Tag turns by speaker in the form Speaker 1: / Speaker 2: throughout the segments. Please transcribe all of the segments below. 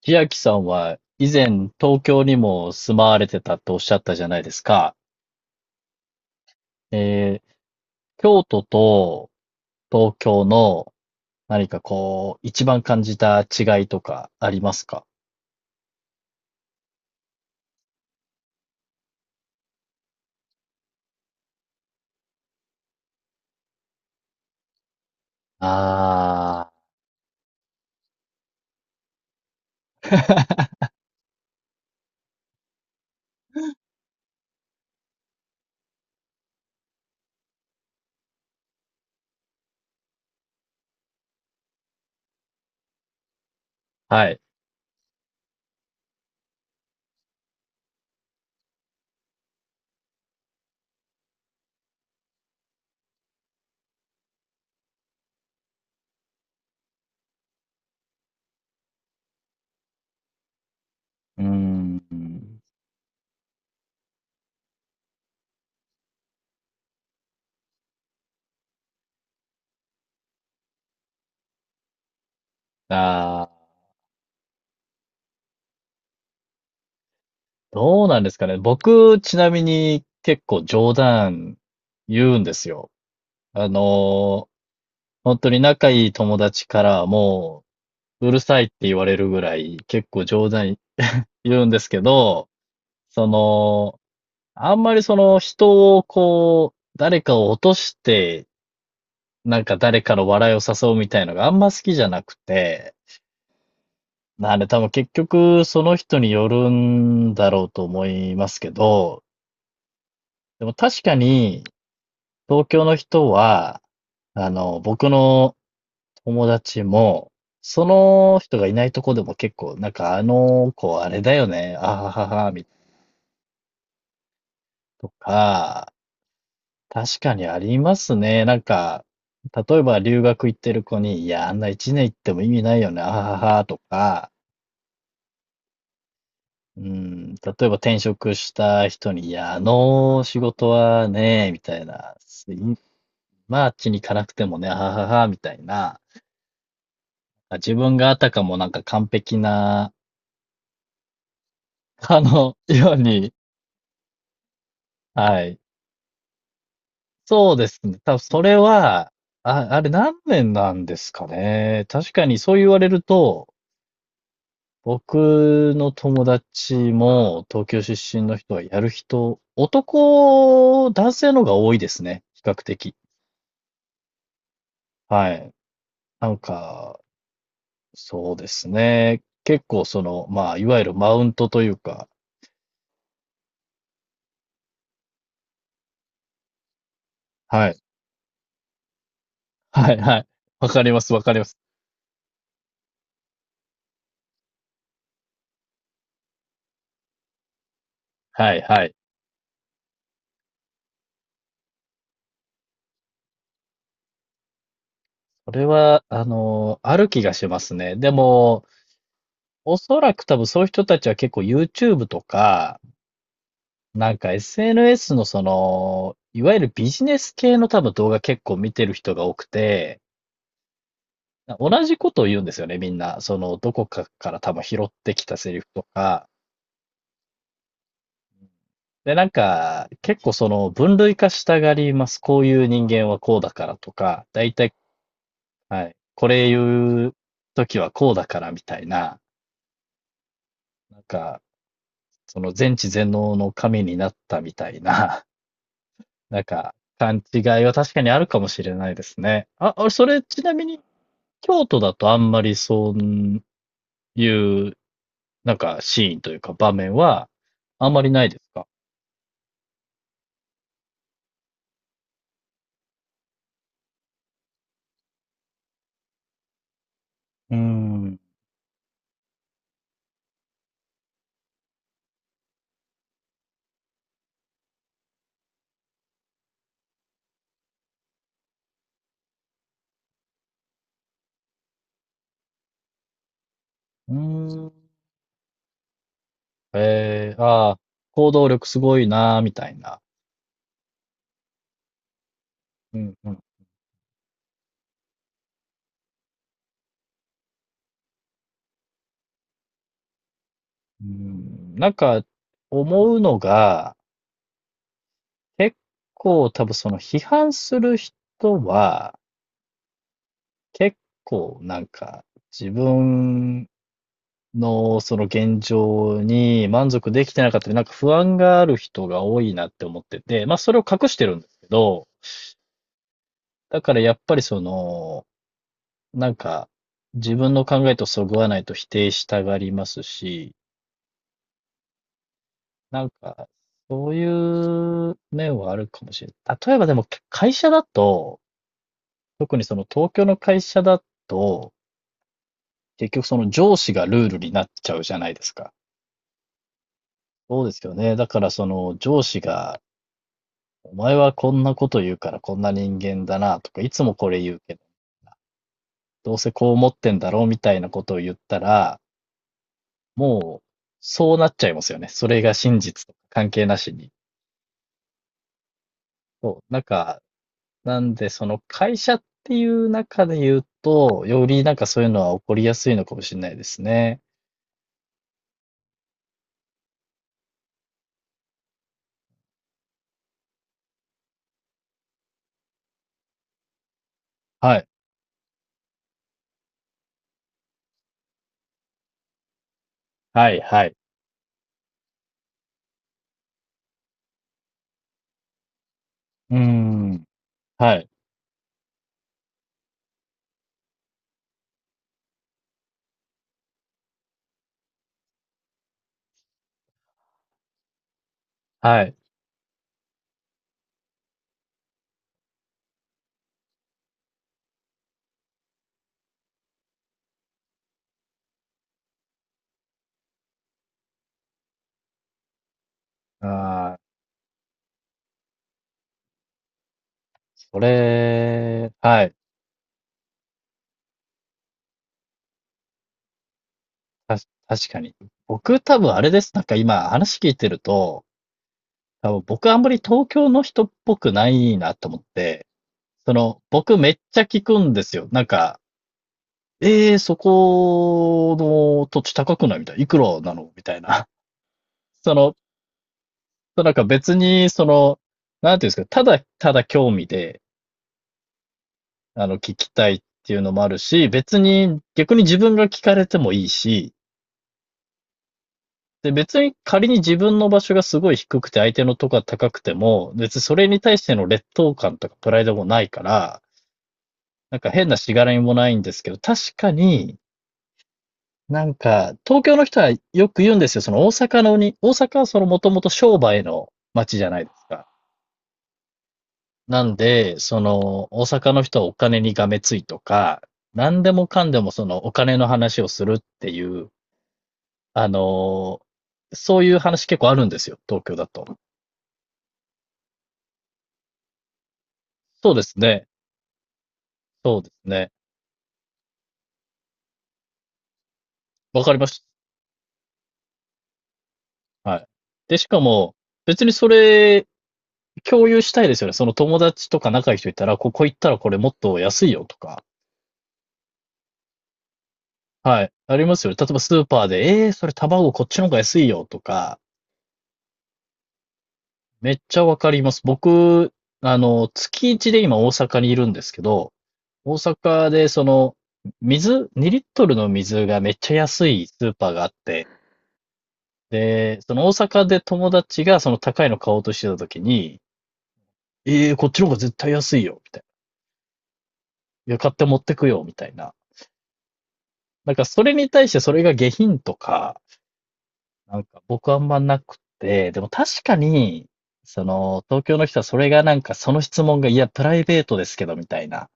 Speaker 1: 千秋さんは以前東京にも住まわれてたとおっしゃったじゃないですか。えー京都と東京の何かこう、一番感じた違いとかありますか？ああー、はい。うーん。ああ、どうなんですかね。僕、ちなみに結構冗談言うんですよ。あのー本当に仲いい友達からもう、うるさいって言われるぐらい、結構冗談言うんですけど、その、あんまりその人をこう、誰かを落として、なんか誰かの笑いを誘うみたいのがあんま好きじゃなくて、なんで多分結局その人によるんだろうと思いますけど、でも確かに東京の人は、僕の友達も、その人がいないとこでも結構、なんかあの子あれだよね、あははは、みたいなとか、確かにありますね。なんか、例えば留学行ってる子に、いや、あんな一年行っても意味ないよね、あははは、とか、うん、例えば転職した人に、いや、あの仕事はね、みたいな、まあ、あっちに行かなくてもね、あははは、みたいな、自分があたかもなんか完璧な、ように、はい。そうですね。多分それは、あ、あれ何年なんですかね。確かにそう言われると、僕の友達も東京出身の人はやる人、男性の方が多いですね。比較的。はい。なんか、そうですね。結構その、まあ、いわゆるマウントというか、はい。はいはい。わかります、わかります。はいはい。それは、ある気がしますね。でも、おそらく多分そういう人たちは結構 YouTube とか、なんか SNS のその、いわゆるビジネス系の多分動画結構見てる人が多くて、同じことを言うんですよね、みんな。その、どこかから多分拾ってきたセリフとか。で、なんか、結構その、分類化したがります。こういう人間はこうだからとか、だいたい、はい、これ言う時はこうだからみたいな、なんか、その全知全能の神になったみたいな、なんか、勘違いは確かにあるかもしれないですね。あ、それ、ちなみに、京都だとあんまりそういう、なんか、シーンというか場面は、あんまりないですか？うーん。うーん。ああ、行動力すごいなー、みたいな。うん、うん。うん、なんか、思うのが、結構多分その批判する人は、結構なんか、自分の、その現状に満足できてなかったり、なんか不安がある人が多いなって思ってて、まあそれを隠してるんですけど、だからやっぱりその、なんか自分の考えとそぐわないと否定したがりますし、なんかそういう面はあるかもしれない。例えばでも会社だと、特にその東京の会社だと、結局その上司がルールになっちゃうじゃないですか。そうですよね。だからその上司がお前はこんなこと言うからこんな人間だなとか、いつもこれ言うけど、どうせこう思ってんだろうみたいなことを言ったら、もう、そうなっちゃいますよね。それが真実とか関係なしに。そう。なんか、なんで、その会社っていう中で言うと、よりなんかそういうのは起こりやすいのかもしれないですね。はい。はい、はい。うーん。はい、はい。ああ、それ、はい。確かに。僕多分あれです。なんか今話聞いてると、多分僕あんまり東京の人っぽくないなと思って、その、僕めっちゃ聞くんですよ。なんか、そこの土地高くないみたいな。いくらなのみたいな。その、なんか別に、その、なんていうんですか、ただ興味で、聞きたいっていうのもあるし、別に、逆に自分が聞かれてもいいし、で、別に仮に自分の場所がすごい低くて相手のとこが高くても、別にそれに対しての劣等感とかプライドもないから、なんか変なしがらみもないんですけど、確かに、なんか、東京の人はよく言うんですよ。その大阪のに、大阪はそのもともと商売の街じゃないですか。なんで、その、大阪の人はお金にがめついとか、何でもかんでもそのお金の話をするっていう、あのーそういう話結構あるんですよ。東京だと。そうですね。そうですね。わかりました。はい。で、しかも、別にそれ、共有したいですよね。その友達とか仲いい人いたら、ここ行ったらこれもっと安いよとか。はい。ありますよね。例えばスーパーで、それ卵こっちの方が安いよとか、めっちゃわかります。僕、月一で今大阪にいるんですけど、大阪でその、水、2リットルの水がめっちゃ安いスーパーがあって、で、その大阪で友達がその高いの買おうとしてた時に、こっちの方が絶対安いよ、みたいな。いや、買って持ってくよ、みたいな。なんかそれに対してそれが下品とか、なんか僕あんまなくて、でも確かに、その、東京の人はそれがなんかその質問が、いや、プライベートですけど、みたいな。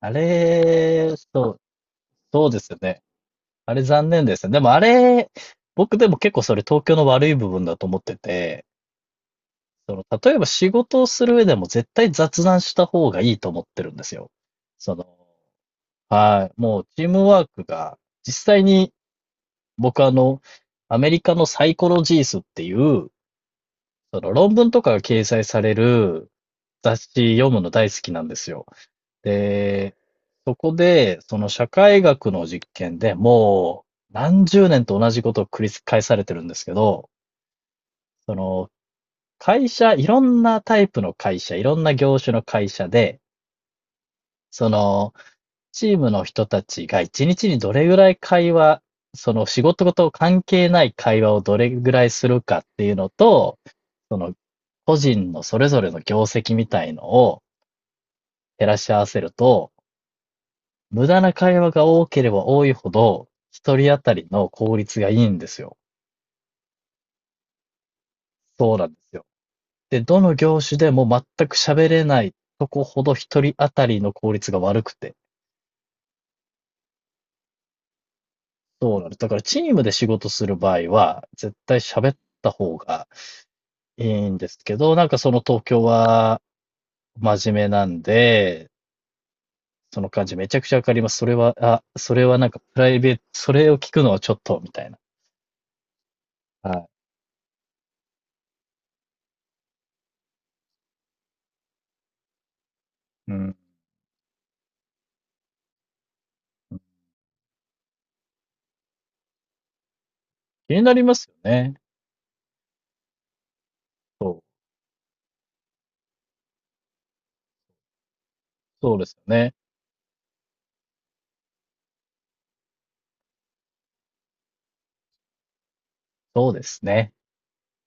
Speaker 1: あれ、そう、そうですよね。あれ残念ですね。でもあれ、僕でも結構それ東京の悪い部分だと思ってて、その、例えば仕事をする上でも絶対雑談した方がいいと思ってるんですよ。その、はい、もうチームワークが実際に僕アメリカのサイコロジースっていう、その論文とかが掲載される雑誌読むの大好きなんですよ。で、で、その社会学の実験でもう何十年と同じことを繰り返されてるんですけど、その会社、いろんなタイプの会社、いろんな業種の会社で、そのチームの人たちが一日にどれぐらい会話、その仕事と関係ない会話をどれぐらいするかっていうのと、その、個人のそれぞれの業績みたいのを照らし合わせると、無駄な会話が多ければ多いほど、一人当たりの効率がいいんですよ。そうなんですよ。で、どの業種でも全く喋れないとこほど一人当たりの効率が悪くて。そうなんです。だからチームで仕事する場合は、絶対喋った方がいいんですけど、なんかその東京は真面目なんで、その感じめちゃくちゃわかります。それは、あ、それはなんかプライベート、それを聞くのはちょっと、みたいな。はい。うん。気になりますよね。そう。そうですよね。そうですね。